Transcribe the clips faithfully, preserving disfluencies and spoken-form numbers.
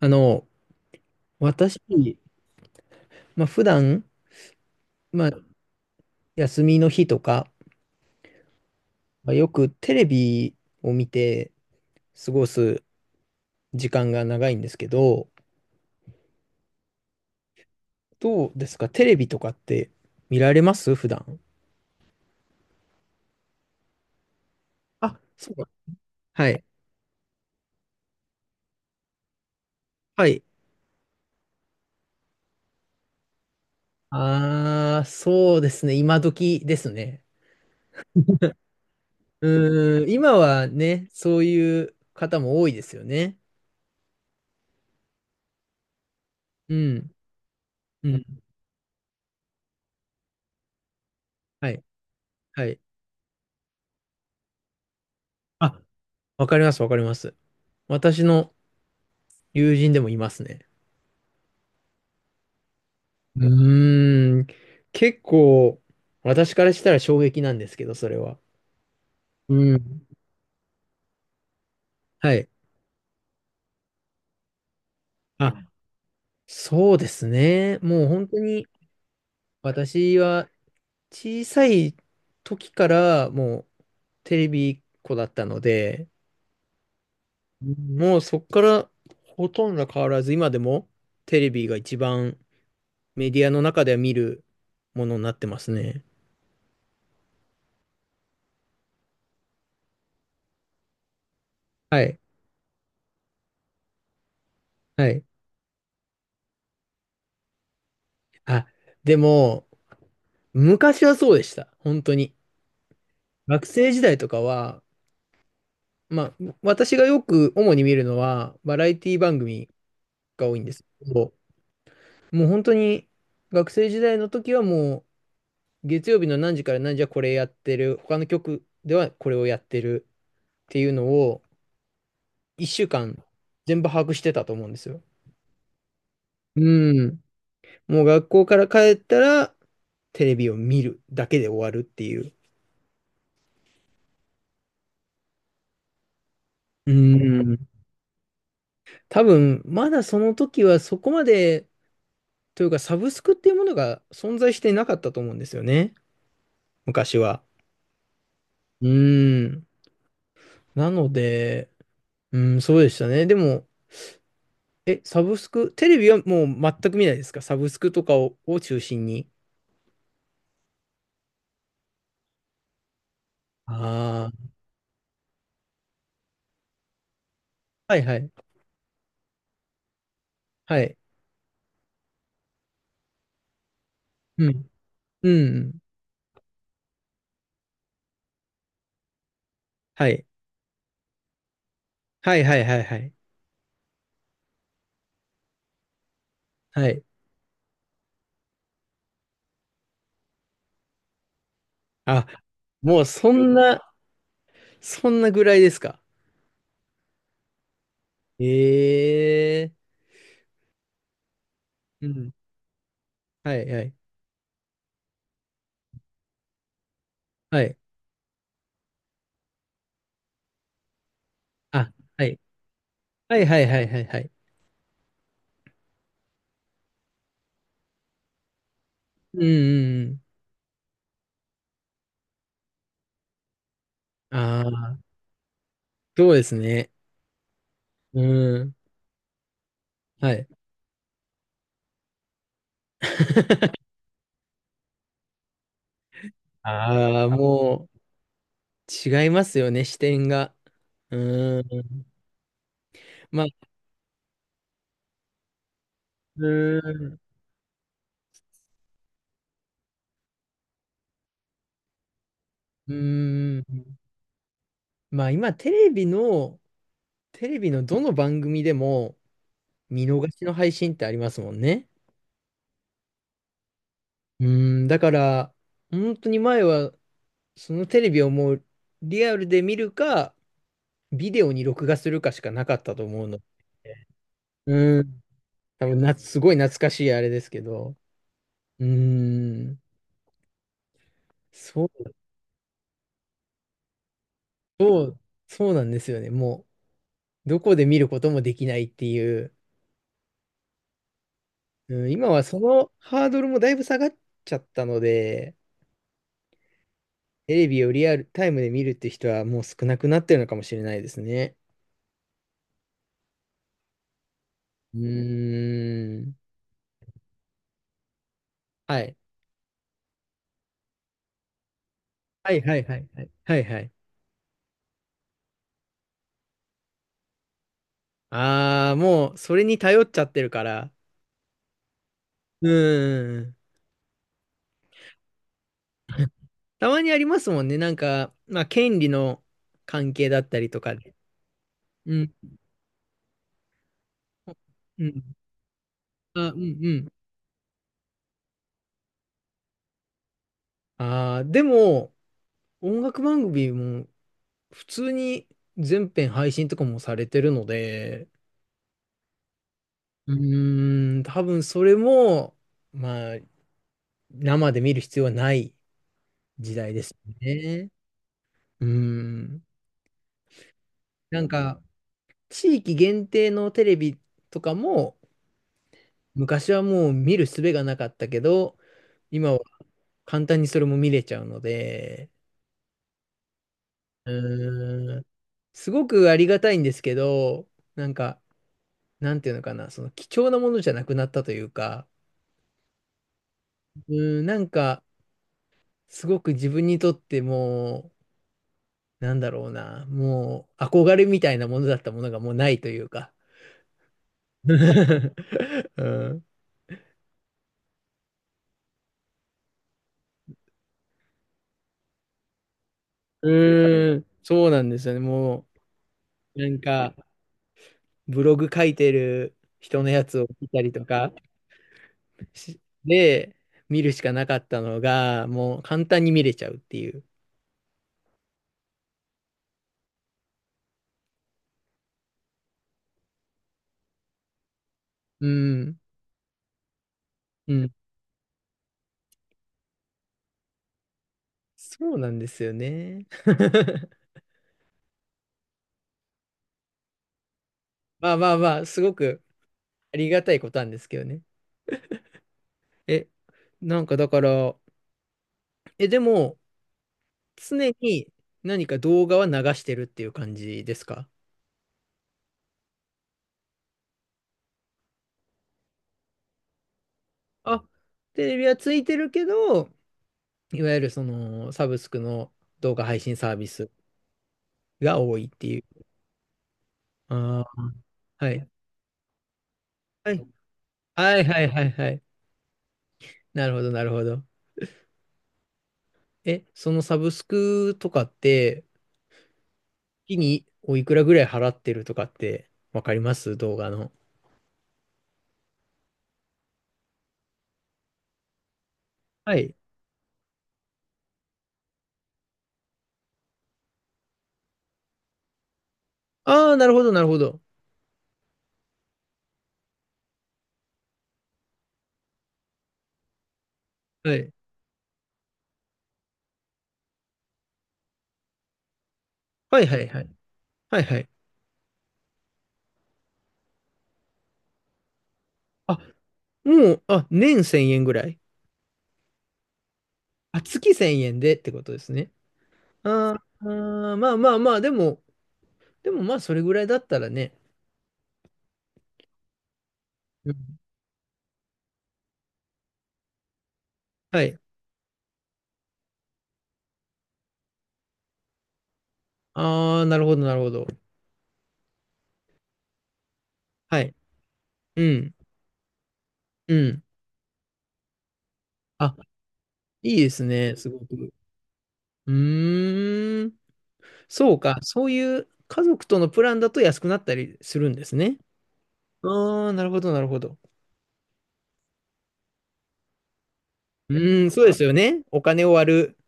あの、私、まあ、普段、まあ、休みの日とか、まあ、よくテレビを見て過ごす時間が長いんですけど、どうですかテレビとかって見られます普段？あ、そうか。はい。はい。ああ、そうですね。今時ですね。うーん、今はね、そういう方も多いですよね。うん。うん。はい。はい。あ、わかります、わかります。私の友人でもいますね。うーん。結構、私からしたら衝撃なんですけど、それは。うん。はい。あ、そうですね。もう本当に、私は小さい時からもうテレビっ子だったので、もうそっからほとんど変わらず、今でもテレビが一番メディアの中では見るものになってますね。はい。はい。あ、でも、昔はそうでした。本当に。学生時代とかは、まあ、私がよく主に見るのは、バラエティ番組が多いんですけど、もう本当に学生時代の時はもう、月曜日の何時から何時はこれやってる、他の局ではこれをやってるっていうのを、いっしゅうかん全部把握してたと思うんですよ。うん。もう学校から帰ったら、テレビを見るだけで終わるっていう。うん。多分、まだその時はそこまで、というか、サブスクっていうものが存在していなかったと思うんですよね。昔は。うーん。なので、うん、そうでしたね。でも、え、サブスク、テレビはもう全く見ないですかサブスクとかを、を中心に。ああ、はいはい。はい。うん。うん。はい。はいはいはいはい。はい。あ、もうそんな、そんなぐらいですか。ええーうん。はいはい。はい。あ、はい。はいはいはいはいはい。うんうんうん。あ、そうですね。うん。はい。ああ、もう違いますよね、視点が。うーん。まあ、うーん。うん。まあ、今、テレビの、テレビのどの番組でも見逃しの配信ってありますもんね。うーん。だから、本当に前は、そのテレビをもうリアルで見るか、ビデオに録画するかしかなかったと思うので。うん。多分な、すごい懐かしいあれですけど。うーん。そう、そうなんですよね。もう、どこで見ることもできないっていう。うん、今はそのハードルもだいぶ下がっちゃったので、テレビをリアルタイムで見るって人はもう少なくなってるのかもしれないですね。うーん。はい。はいはいはいはい。はいはい。ああ、もうそれに頼っちゃってるから。うーん。たまにありますもんね。なんか、まあ、権利の関係だったりとかで。うん。うん。あ、うんうん。ああ、でも、音楽番組も普通に全編配信とかもされてるので、うーん、多分それも、まあ、生で見る必要はない時代ですね。うん。なんか、地域限定のテレビとかも、昔はもう見る術がなかったけど、今は簡単にそれも見れちゃうので、うーん、すごくありがたいんですけど、なんか、なんていうのかな、その貴重なものじゃなくなったというか、うん、なんか、すごく自分にとってもう、なんだろうな、もう憧れみたいなものだったものがもうないというか。うん、うーん、そうなんですよね。もう、なんか、ブログ書いてる人のやつを見たりとかしで、見るしかなかったのが、もう簡単に見れちゃうっていう。うん、うん。そうなんですよね。まあまあまあ、すごくありがたいことなんですけどね。え、なんかだから、え、でも、常に何か動画は流してるっていう感じですか？あ、テレビはついてるけど、いわゆるそのサブスクの動画配信サービスが多いっていう。ああ、はい。はい。はいはいはいはい。なるほどなるほど。え、そのサブスクとかって、月においくらぐらい払ってるとかってわかります動画の？はい。ああ、なるほど、なるほど。はい。はいはいはい。はいはい。あ、もう、あ、年せんえんぐらい。あ、月せんえんでってことですね。あーあー、まあまあまあ、でも、でもまあ、それぐらいだったらね。うん、はい。ああ、なるほど、なるほど。はい。うん、うん。あ、いいですね、すごく。うーん。そうか、そういう家族とのプランだと安くなったりするんですね。ああ、なるほど、なるほど。うーん、そうですよね。お金を割る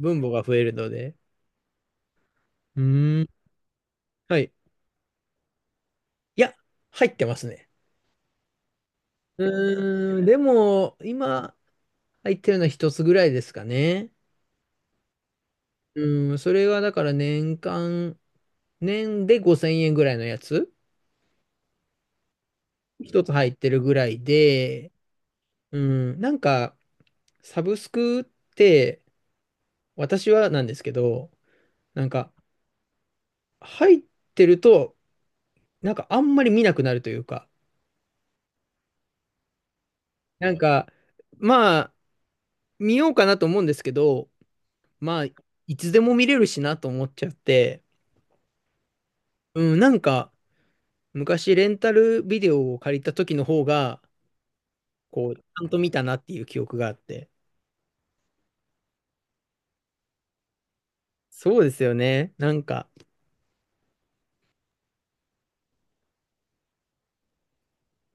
分母が増えるので。うーん、はい。いや、入ってますね。うーん、でも、今、入ってるのは一つぐらいですかね。うーん、それがだから年間、年でごせんえんぐらいのやつ、一つ入ってるぐらいで、うん、なんか、サブスクって、私はなんですけど、なんか、入ってると、なんかあんまり見なくなるというか、なんか、まあ、見ようかなと思うんですけど、まあ、いつでも見れるしなと思っちゃって、うん、なんか、昔レンタルビデオを借りた時の方が、こう、ちゃんと見たなっていう記憶があって。そうですよね。なんか、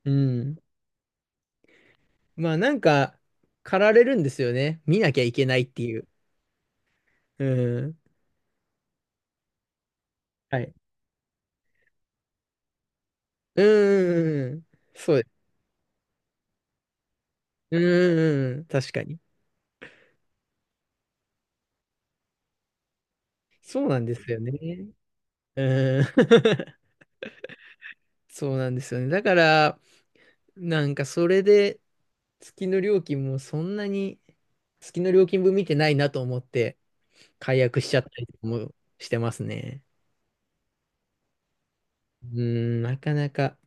うん。まあ、なんか、駆られるんですよね。見なきゃいけないっていう。うん。はい。うん、うん、うん。そうです。うん、うん、うん。確かに。そうなんですよね。うん。そうなんですよね。だから、なんかそれで月の料金もそんなに月の料金分見てないなと思って解約しちゃったりもしてますね。うん、なかなか。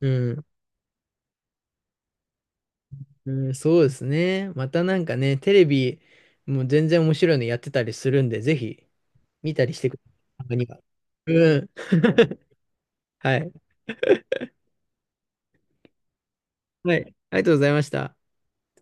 うん、うん、そうですね。またなんかね、テレビも全然面白いのやってたりするんで、ぜひ見たりしてください。たまには。うん。はい。はい。ありがとうございました。